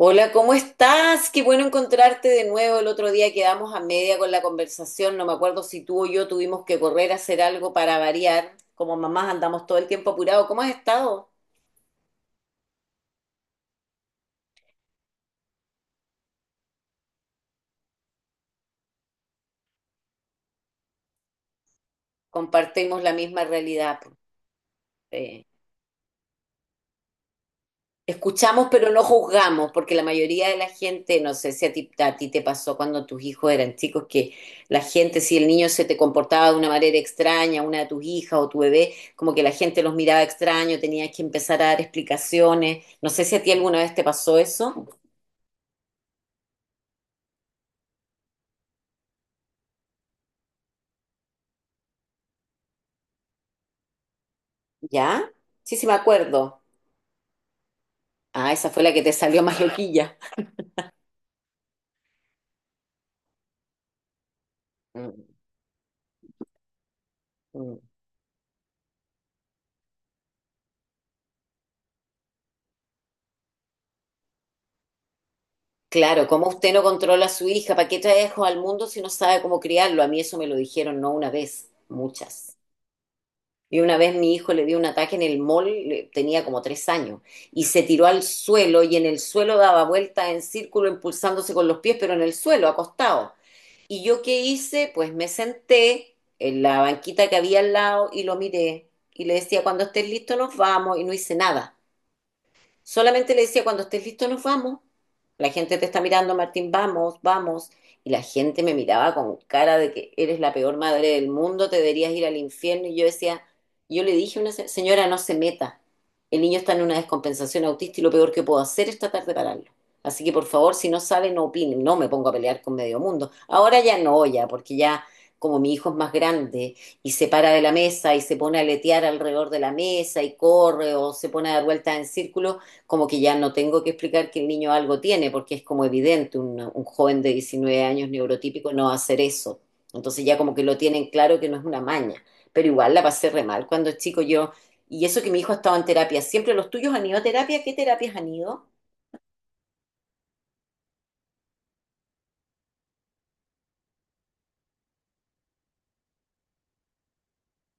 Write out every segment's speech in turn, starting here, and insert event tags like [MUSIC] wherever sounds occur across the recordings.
Hola, ¿cómo estás? Qué bueno encontrarte de nuevo. El otro día quedamos a media con la conversación. No me acuerdo si tú o yo tuvimos que correr a hacer algo para variar. Como mamás andamos todo el tiempo apurados. ¿Cómo has estado? Compartimos la misma realidad. Pues. eh, Escuchamos, pero no juzgamos, porque la mayoría de la gente, no sé si a ti, a ti te pasó cuando tus hijos eran chicos, que la gente, si el niño se te comportaba de una manera extraña, una de tus hijas o tu bebé, como que la gente los miraba extraño, tenías que empezar a dar explicaciones. No sé si a ti alguna vez te pasó eso. ¿Ya? Sí, sí, me acuerdo. Ah, esa fue la que te salió más loquilla. Mm, mm. Claro, ¿cómo usted no controla a su hija? ¿Para qué trae hijos al mundo si no sabe cómo criarlo? A mí eso me lo dijeron no una vez, muchas. Y una vez mi hijo le dio un ataque en el mall, tenía como 3 años, y se tiró al suelo y en el suelo daba vueltas en círculo, impulsándose con los pies, pero en el suelo, acostado. ¿Y yo qué hice? Pues me senté en la banquita que había al lado y lo miré. Y le decía, cuando estés listo nos vamos, y no hice nada. Solamente le decía, cuando estés listo nos vamos. La gente te está mirando, Martín, vamos, vamos. Y la gente me miraba con cara de que eres la peor madre del mundo, te deberías ir al infierno. Y yo decía, yo le dije a una señora, no se meta. El niño está en una descompensación autista y lo peor que puedo hacer es tratar de pararlo. Así que por favor, si no sabe, no opine. No me pongo a pelear con medio mundo. Ahora ya no, ya, porque ya como mi hijo es más grande y se para de la mesa y se pone a letear alrededor de la mesa y corre o se pone a dar vueltas en círculo, como que ya no tengo que explicar que el niño algo tiene, porque es como evidente, un joven de 19 años neurotípico no va a hacer eso. Entonces ya como que lo tienen claro que no es una maña, pero igual la pasé re mal cuando chico yo, y eso que mi hijo ha estado en terapia, siempre los tuyos han ido a terapia, ¿qué terapias han ido?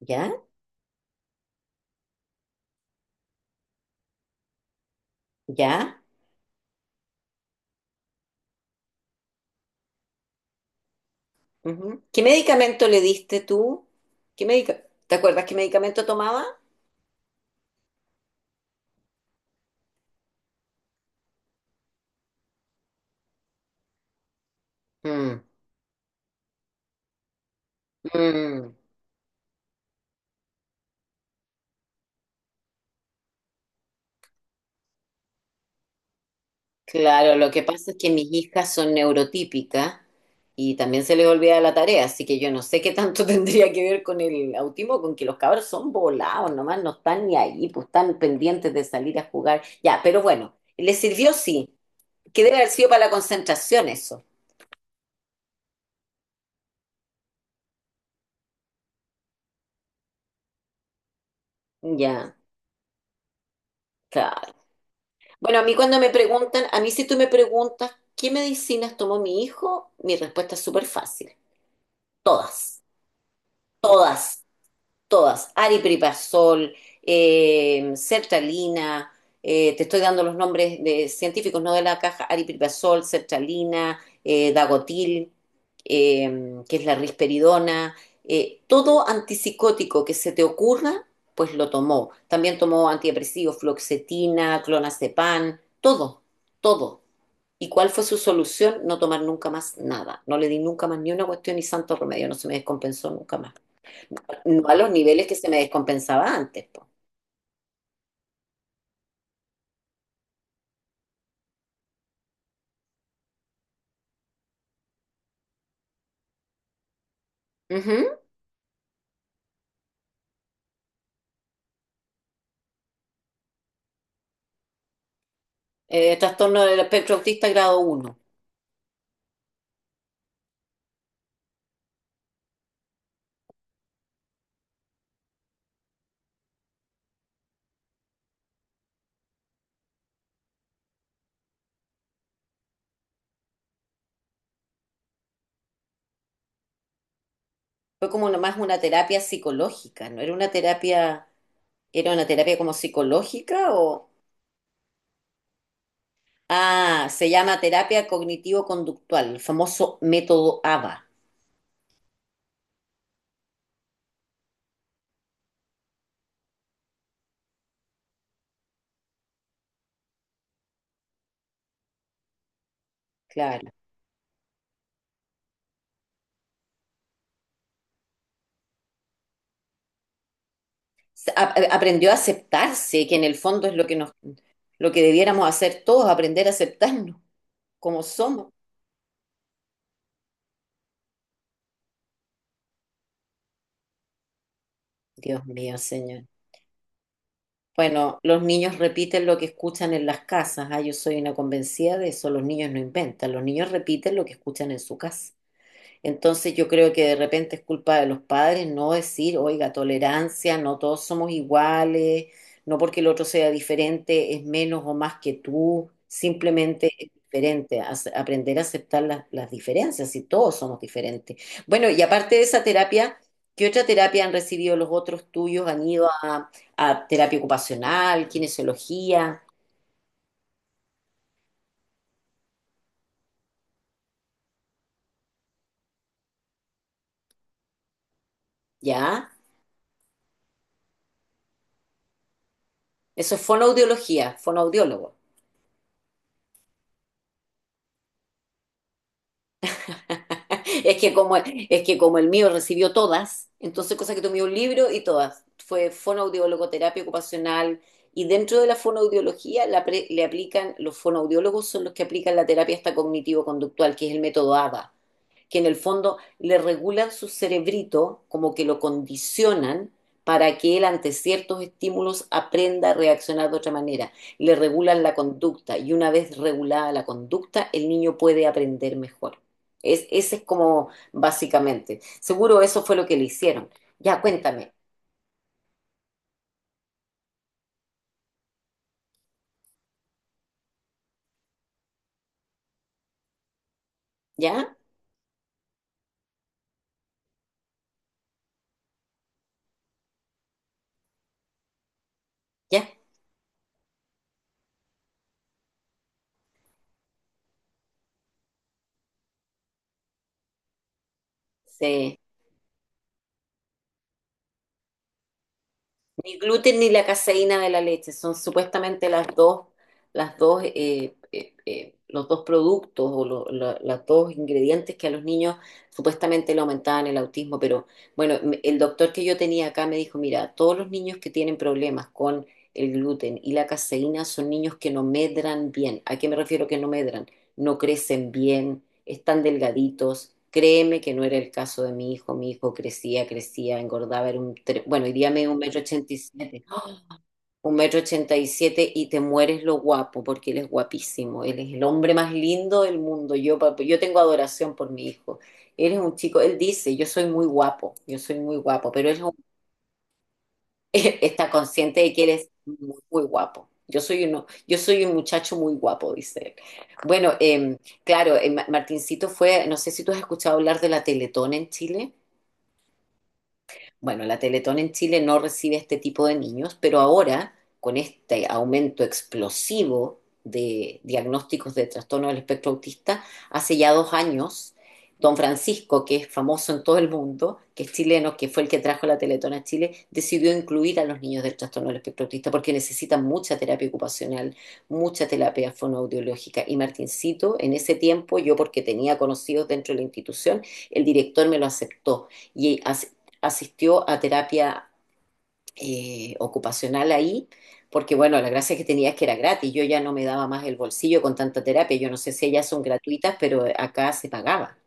¿Ya? ¿Ya? Ujú. ¿Qué medicamento le diste tú? ¿Te acuerdas qué medicamento tomaba? Mm, mm. Claro, lo que pasa es que mis hijas son neurotípicas y también se les olvida la tarea, así que yo no sé qué tanto [LAUGHS] tendría que ver con el autismo, con que los cabros son volados, nomás no están ni ahí, pues están pendientes de salir a jugar. Ya, pero bueno, les sirvió sí, que debe haber sido para la concentración eso. Ya, claro. Bueno, a mí cuando me preguntan, a mí si tú me preguntas, ¿qué medicinas tomó mi hijo? Mi respuesta es súper fácil, todas. Todas. Todas, aripiprazol, sertralina, te estoy dando los nombres de científicos, no de la caja, aripiprazol, sertralina, dagotil, que es la risperidona, todo antipsicótico que se te ocurra, pues lo tomó. También tomó antidepresivos, fluoxetina, clonazepam, todo, todo. ¿Y cuál fue su solución? No tomar nunca más nada. No le di nunca más ni una cuestión ni santo remedio, no se me descompensó nunca más no a los niveles que se me descompensaba antes. Po. Ujú. Trastorno del espectro autista grado uno. Fue como nomás una terapia psicológica, ¿no? Era una terapia como psicológica o... Ah, se llama terapia cognitivo-conductual, el famoso método ABA. Claro. Aprendió a aceptarse, que en el fondo es lo que debiéramos hacer todos, aprender a aceptarnos como somos. Dios mío, señor. Bueno, los niños repiten lo que escuchan en las casas. Ah, yo soy una convencida de eso. Los niños no inventan. Los niños repiten lo que escuchan en su casa. Entonces yo creo que de repente es culpa de los padres no decir, oiga, tolerancia, no todos somos iguales, no porque el otro sea diferente es menos o más que tú, simplemente es diferente, aprender a aceptar las diferencias, si todos somos diferentes. Bueno, y aparte de esa terapia, ¿qué otra terapia han recibido los otros tuyos? ¿Han ido a terapia ocupacional, kinesiología? ¿Ya? Eso es fonoaudiología, fonoaudiólogo. Es que como el mío recibió todas, entonces cosa que tomé un libro y todas. Fue fonoaudiólogo, terapia ocupacional, y dentro de la fonoaudiología le aplican, los fonoaudiólogos son los que aplican la terapia hasta cognitivo-conductual, que es el método ABA que en el fondo le regulan su cerebrito, como que lo condicionan para que él ante ciertos estímulos aprenda a reaccionar de otra manera. Le regulan la conducta y una vez regulada la conducta, el niño puede aprender mejor. Ese es como básicamente. Seguro eso fue lo que le hicieron. Ya, cuéntame. ¿Ya? ¿Ya? Sí. Ni gluten ni la caseína de la leche son supuestamente las dos, los dos productos o los dos ingredientes que a los niños supuestamente le aumentaban el autismo. Pero bueno, el doctor que yo tenía acá me dijo, mira, todos los niños que tienen problemas con el gluten y la caseína son niños que no medran bien. ¿A qué me refiero que no medran? No crecen bien, están delgaditos. Créeme que no era el caso de mi hijo. Mi hijo crecía, crecía, engordaba. Bueno, hoy día me un metro ochenta y siete. [GASPS] ¡Ah! Un metro ochenta y siete y te mueres lo guapo porque él es guapísimo. Él es el hombre más lindo del mundo. Yo, yo tengo adoración por mi hijo. Él es un chico, él dice, yo soy muy guapo, yo soy muy guapo, pero él es un [LAUGHS] está consciente de que él es muy, muy guapo. Yo soy un muchacho muy guapo, dice él. Bueno, claro, Martincito fue, no sé si tú has escuchado hablar de la Teletón en Chile. Bueno, la Teletón en Chile no recibe este tipo de niños, pero ahora, con este aumento explosivo de diagnósticos de trastorno del espectro autista, hace ya 2 años, don Francisco, que es famoso en todo el mundo, que es chileno, que fue el que trajo la Teletón a Chile, decidió incluir a los niños del trastorno del espectro autista porque necesitan mucha terapia ocupacional, mucha terapia fonoaudiológica. Y Martincito, en ese tiempo, yo porque tenía conocidos dentro de la institución, el director me lo aceptó. Y asistió a terapia ocupacional ahí, porque bueno, la gracia que tenía es que era gratis, yo ya no me daba más el bolsillo con tanta terapia, yo no sé si ellas son gratuitas, pero acá se pagaba,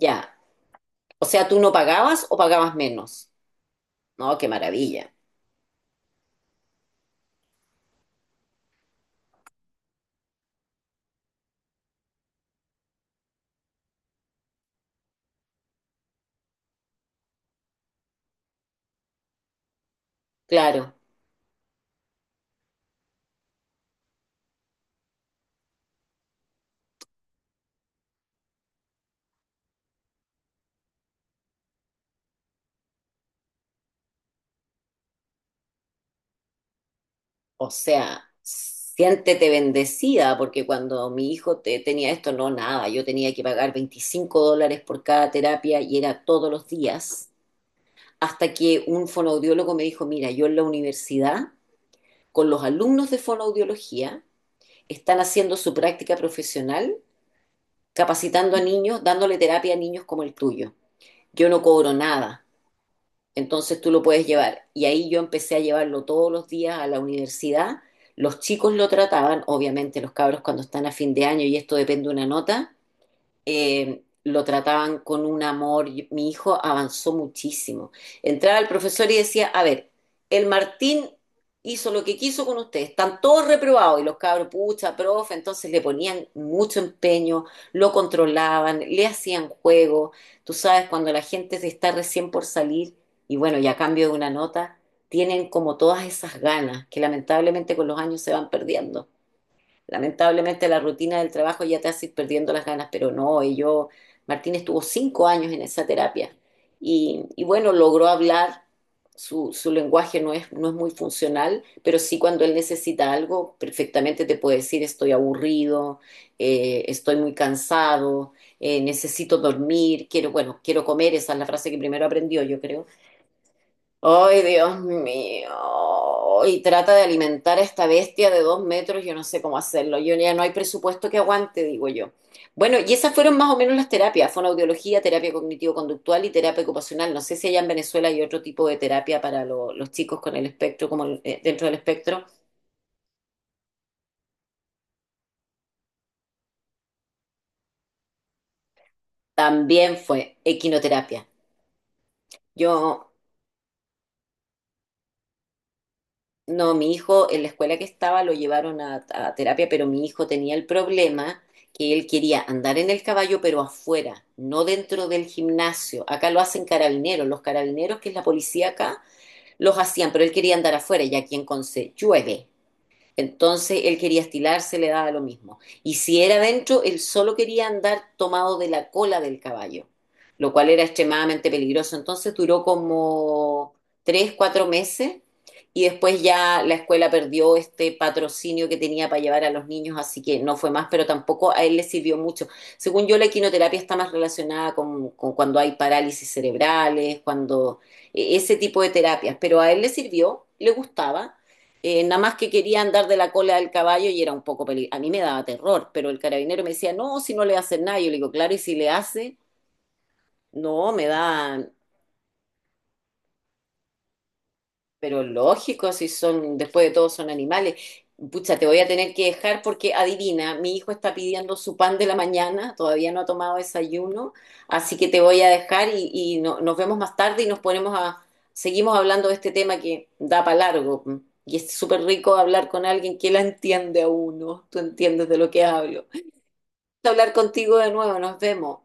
ya. O sea, ¿tú no pagabas o pagabas menos? No, qué maravilla. Claro, o sea, siéntete bendecida, porque cuando mi hijo tenía esto, no, nada, yo tenía que pagar $25 por cada terapia y era todos los días, hasta que un fonoaudiólogo me dijo, mira, yo en la universidad con los alumnos de fonoaudiología, están haciendo su práctica profesional, capacitando a niños, dándole terapia a niños como el tuyo. Yo no cobro nada, entonces tú lo puedes llevar. Y ahí yo empecé a llevarlo todos los días a la universidad. Los chicos lo trataban, obviamente los cabros cuando están a fin de año y esto depende de una nota, lo trataban con un amor. Mi hijo avanzó muchísimo. Entraba el profesor y decía, a ver, el Martín hizo lo que quiso con ustedes, están todos reprobados y los cabros, pucha, profe, entonces le ponían mucho empeño, lo controlaban, le hacían juego. Tú sabes, cuando la gente está recién por salir y bueno, y a cambio de una nota, tienen como todas esas ganas que lamentablemente con los años se van perdiendo. Lamentablemente la rutina del trabajo ya te hace ir perdiendo las ganas, pero no, y yo, Martín estuvo 5 años en esa terapia y bueno, logró hablar, su lenguaje no es, no es muy funcional, pero sí cuando él necesita algo, perfectamente te puede decir estoy aburrido, estoy muy cansado, necesito dormir, quiero, bueno, quiero comer, esa es la frase que primero aprendió, yo creo. Ay, Dios mío. Y trata de alimentar a esta bestia de 2 metros. Yo no sé cómo hacerlo. Yo ya no hay presupuesto que aguante, digo yo. Bueno, y esas fueron más o menos las terapias: fonoaudiología, terapia cognitivo-conductual y terapia ocupacional. No sé si allá en Venezuela hay otro tipo de terapia para los chicos con el espectro, dentro del espectro. También fue equinoterapia. Yo No, mi hijo en la escuela que estaba lo llevaron a terapia, pero mi hijo tenía el problema que él quería andar en el caballo, pero afuera, no dentro del gimnasio. Acá lo hacen carabineros, los carabineros, que es la policía acá, los hacían, pero él quería andar afuera y aquí en Conce llueve. Entonces él quería estilarse, le daba lo mismo. Y si era dentro, él solo quería andar tomado de la cola del caballo, lo cual era extremadamente peligroso. Entonces duró como 3, 4 meses y después ya la escuela perdió este patrocinio que tenía para llevar a los niños, así que no fue más, pero tampoco a él le sirvió mucho. Según yo, la equinoterapia está más relacionada con cuando hay parálisis cerebrales, ese tipo de terapias, pero a él le sirvió, le gustaba, nada más que quería andar de la cola del caballo y era un poco peligroso. A mí me daba terror, pero el carabinero me decía, no, si no le hace nada. Yo le digo, claro, y si le hace, no, me da, pero lógico, si son, después de todo son animales. Pucha, te voy a tener que dejar porque adivina, mi hijo está pidiendo su pan de la mañana, todavía no ha tomado desayuno, así que te voy a dejar y nos vemos más tarde y nos ponemos seguimos hablando de este tema que da para largo. Y es súper rico hablar con alguien que la entiende a uno, tú entiendes de lo que hablo. Hablar contigo de nuevo, nos vemos.